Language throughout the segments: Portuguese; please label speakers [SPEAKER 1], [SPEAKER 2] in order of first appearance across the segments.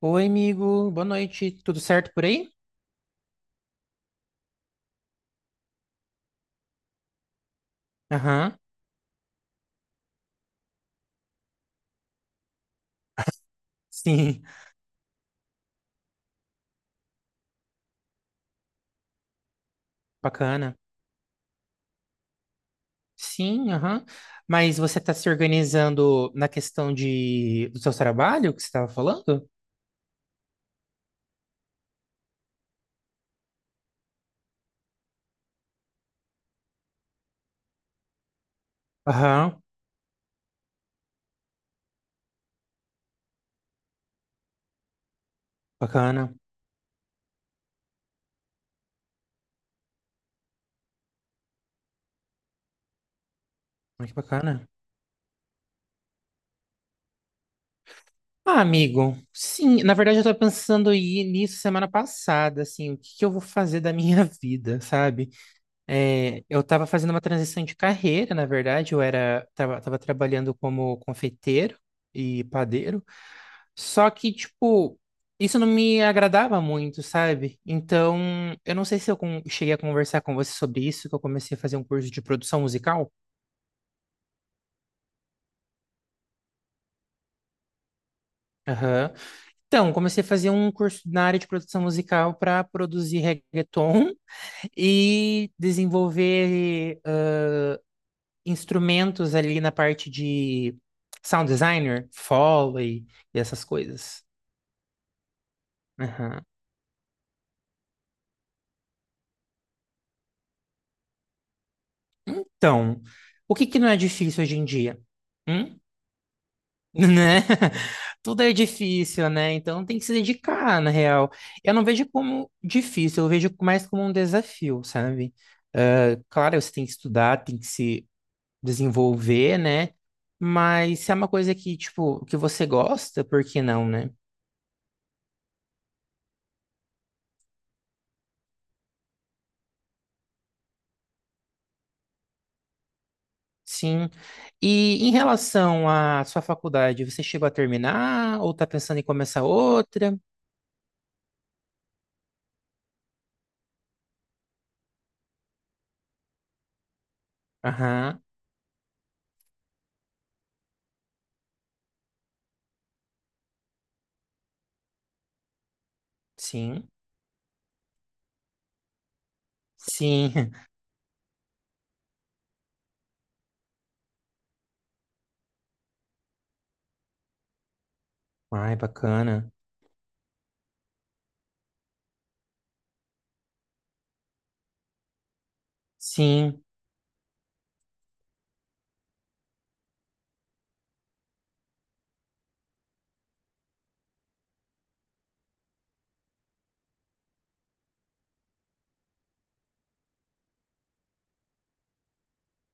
[SPEAKER 1] Oi, amigo. Boa noite. Tudo certo por aí? Aham. Sim. Bacana. Sim, aham. Mas você está se organizando na questão de do seu trabalho que você estava falando? Aham. Bacana. Ai, que bacana. Ah, amigo. Sim, na verdade eu estava pensando em ir nisso semana passada, assim, o que que eu vou fazer da minha vida, sabe? É, eu estava fazendo uma transição de carreira, na verdade, eu tava trabalhando como confeiteiro e padeiro. Só que, tipo, isso não me agradava muito, sabe? Então, eu não sei se eu cheguei a conversar com você sobre isso, que eu comecei a fazer um curso de produção musical. Aham. Então, comecei a fazer um curso na área de produção musical para produzir reggaeton e desenvolver instrumentos ali na parte de sound designer, Foley e essas coisas. Aham. Então, o que que não é difícil hoje em dia? Hum? Né? Tudo é difícil, né? Então tem que se dedicar, na real. Eu não vejo como difícil, eu vejo mais como um desafio, sabe? Ah, claro, você tem que estudar, tem que se desenvolver, né? Mas se é uma coisa que, tipo, que você gosta, por que não, né? Sim. E em relação à sua faculdade, você chegou a terminar ou tá pensando em começar outra? Aham, sim. Sim. Ai, bacana. Sim.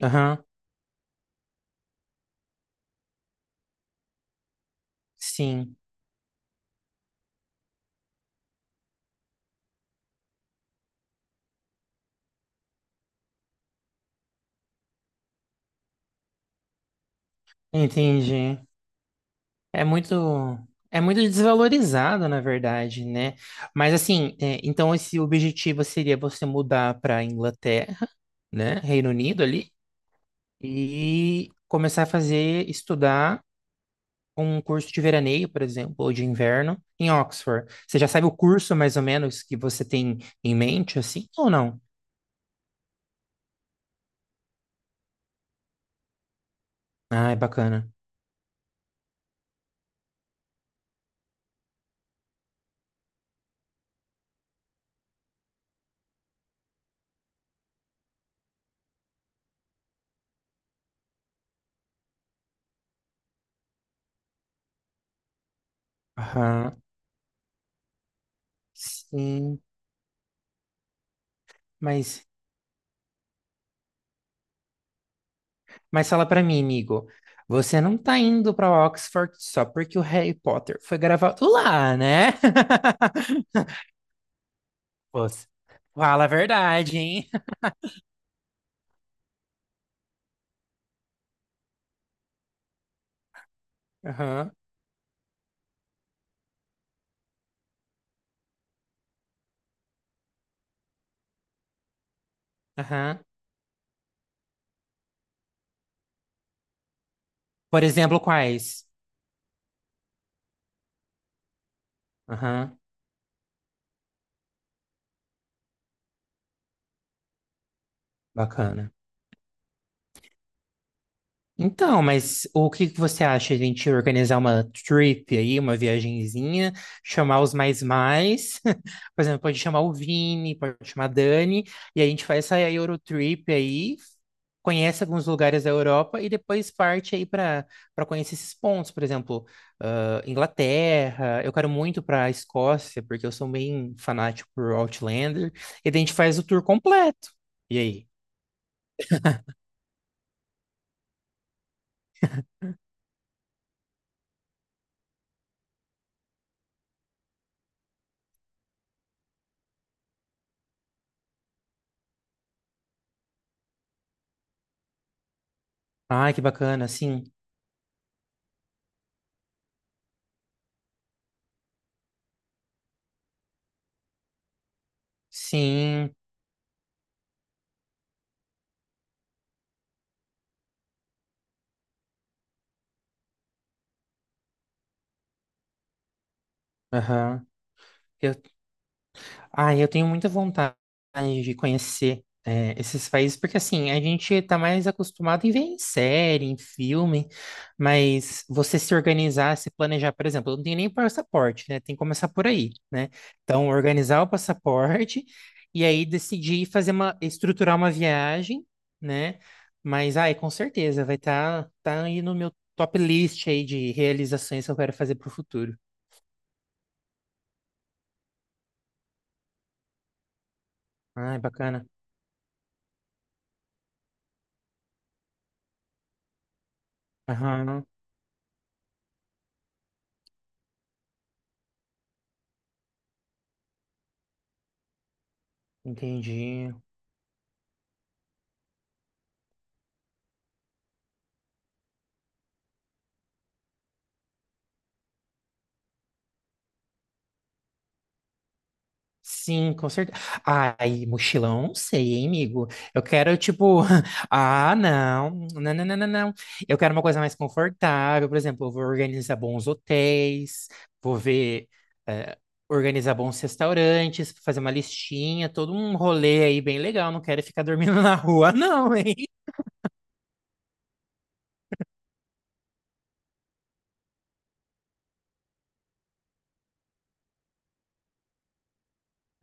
[SPEAKER 1] Aham. Sim, entendi. É muito, é muito desvalorizado, na verdade, né? Mas assim, é, então esse objetivo seria você mudar para Inglaterra, né? Reino Unido ali, e começar a fazer, estudar um curso de veraneio, por exemplo, ou de inverno em Oxford. Você já sabe o curso mais ou menos que você tem em mente, assim, ou não? Ah, é bacana. Aham, sim, mas mas fala pra mim, amigo, você não tá indo pra Oxford só porque o Harry Potter foi gravado lá, né? Você- Fala a verdade, hein? Aham, aham. Por exemplo, quais? Aham, bacana. Então, mas o que que você acha de a gente organizar uma trip aí, uma viagenzinha, chamar os mais mais, por exemplo, pode chamar o Vini, pode chamar a Dani, e a gente faz essa Eurotrip aí, conhece alguns lugares da Europa e depois parte aí para conhecer esses pontos, por exemplo, Inglaterra, eu quero muito para a Escócia, porque eu sou bem fanático por Outlander, e daí a gente faz o tour completo. E aí? Ai, que bacana, sim, sim, aham. Eu, ah, eu tenho muita vontade de conhecer é, esses países, porque assim, a gente está mais acostumado em ver em série, em filme, mas você se organizar, se planejar, por exemplo, eu não tenho nem passaporte, né? Tem que começar por aí, né? Então, organizar o passaporte e aí decidir fazer uma, estruturar uma viagem, né? Mas, ai, com certeza, vai estar tá aí no meu top list aí de realizações que eu quero fazer para o futuro. Ai, bacana. Aham, entendi. Sim, com certeza. Ai, mochilão, não sei, hein, amigo? Eu quero, tipo, ah, não, não, não, não, não, não. Eu quero uma coisa mais confortável, por exemplo, eu vou organizar bons hotéis, vou ver, eh, organizar bons restaurantes, fazer uma listinha, todo um rolê aí bem legal. Não quero ficar dormindo na rua, não, hein?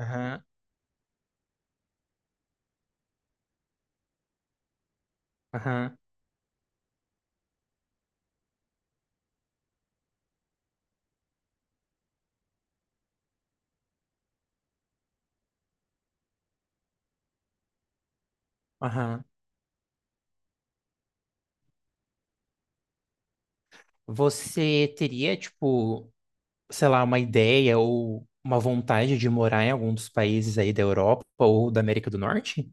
[SPEAKER 1] Aham, aham, aham. Você teria, tipo, sei lá, uma ideia ou uma vontade de morar em algum dos países aí da Europa ou da América do Norte?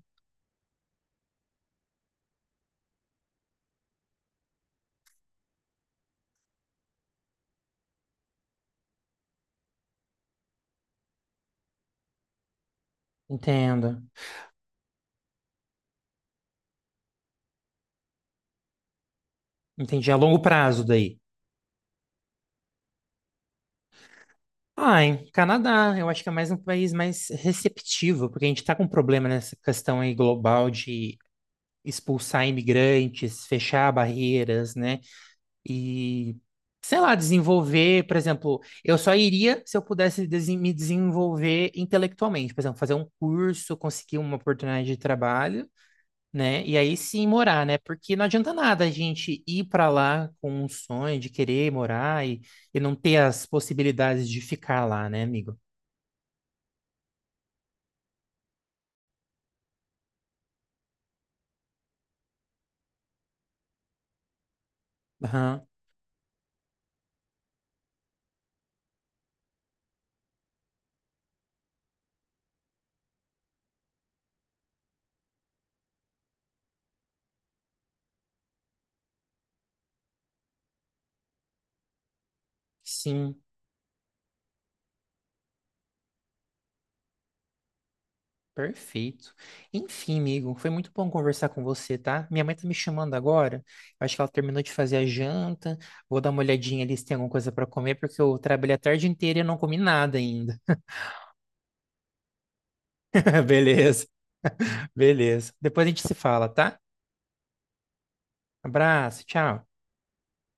[SPEAKER 1] Entendo. Entendi. A longo prazo daí. Ah, em Canadá, eu acho que é mais um país mais receptivo, porque a gente está com um problema nessa questão aí global de expulsar imigrantes, fechar barreiras, né? E, sei lá, desenvolver, por exemplo, eu só iria se eu pudesse me desenvolver intelectualmente, por exemplo, fazer um curso, conseguir uma oportunidade de trabalho né? E aí sim morar, né? Porque não adianta nada a gente ir para lá com um sonho de querer morar e não ter as possibilidades de ficar lá, né, amigo? Aham, sim, perfeito. Enfim, amigo, foi muito bom conversar com você, tá? Minha mãe tá me chamando agora. Eu acho que ela terminou de fazer a janta. Vou dar uma olhadinha ali se tem alguma coisa para comer, porque eu trabalhei a tarde inteira e não comi nada ainda. Beleza, beleza. Depois a gente se fala, tá? Abraço, tchau.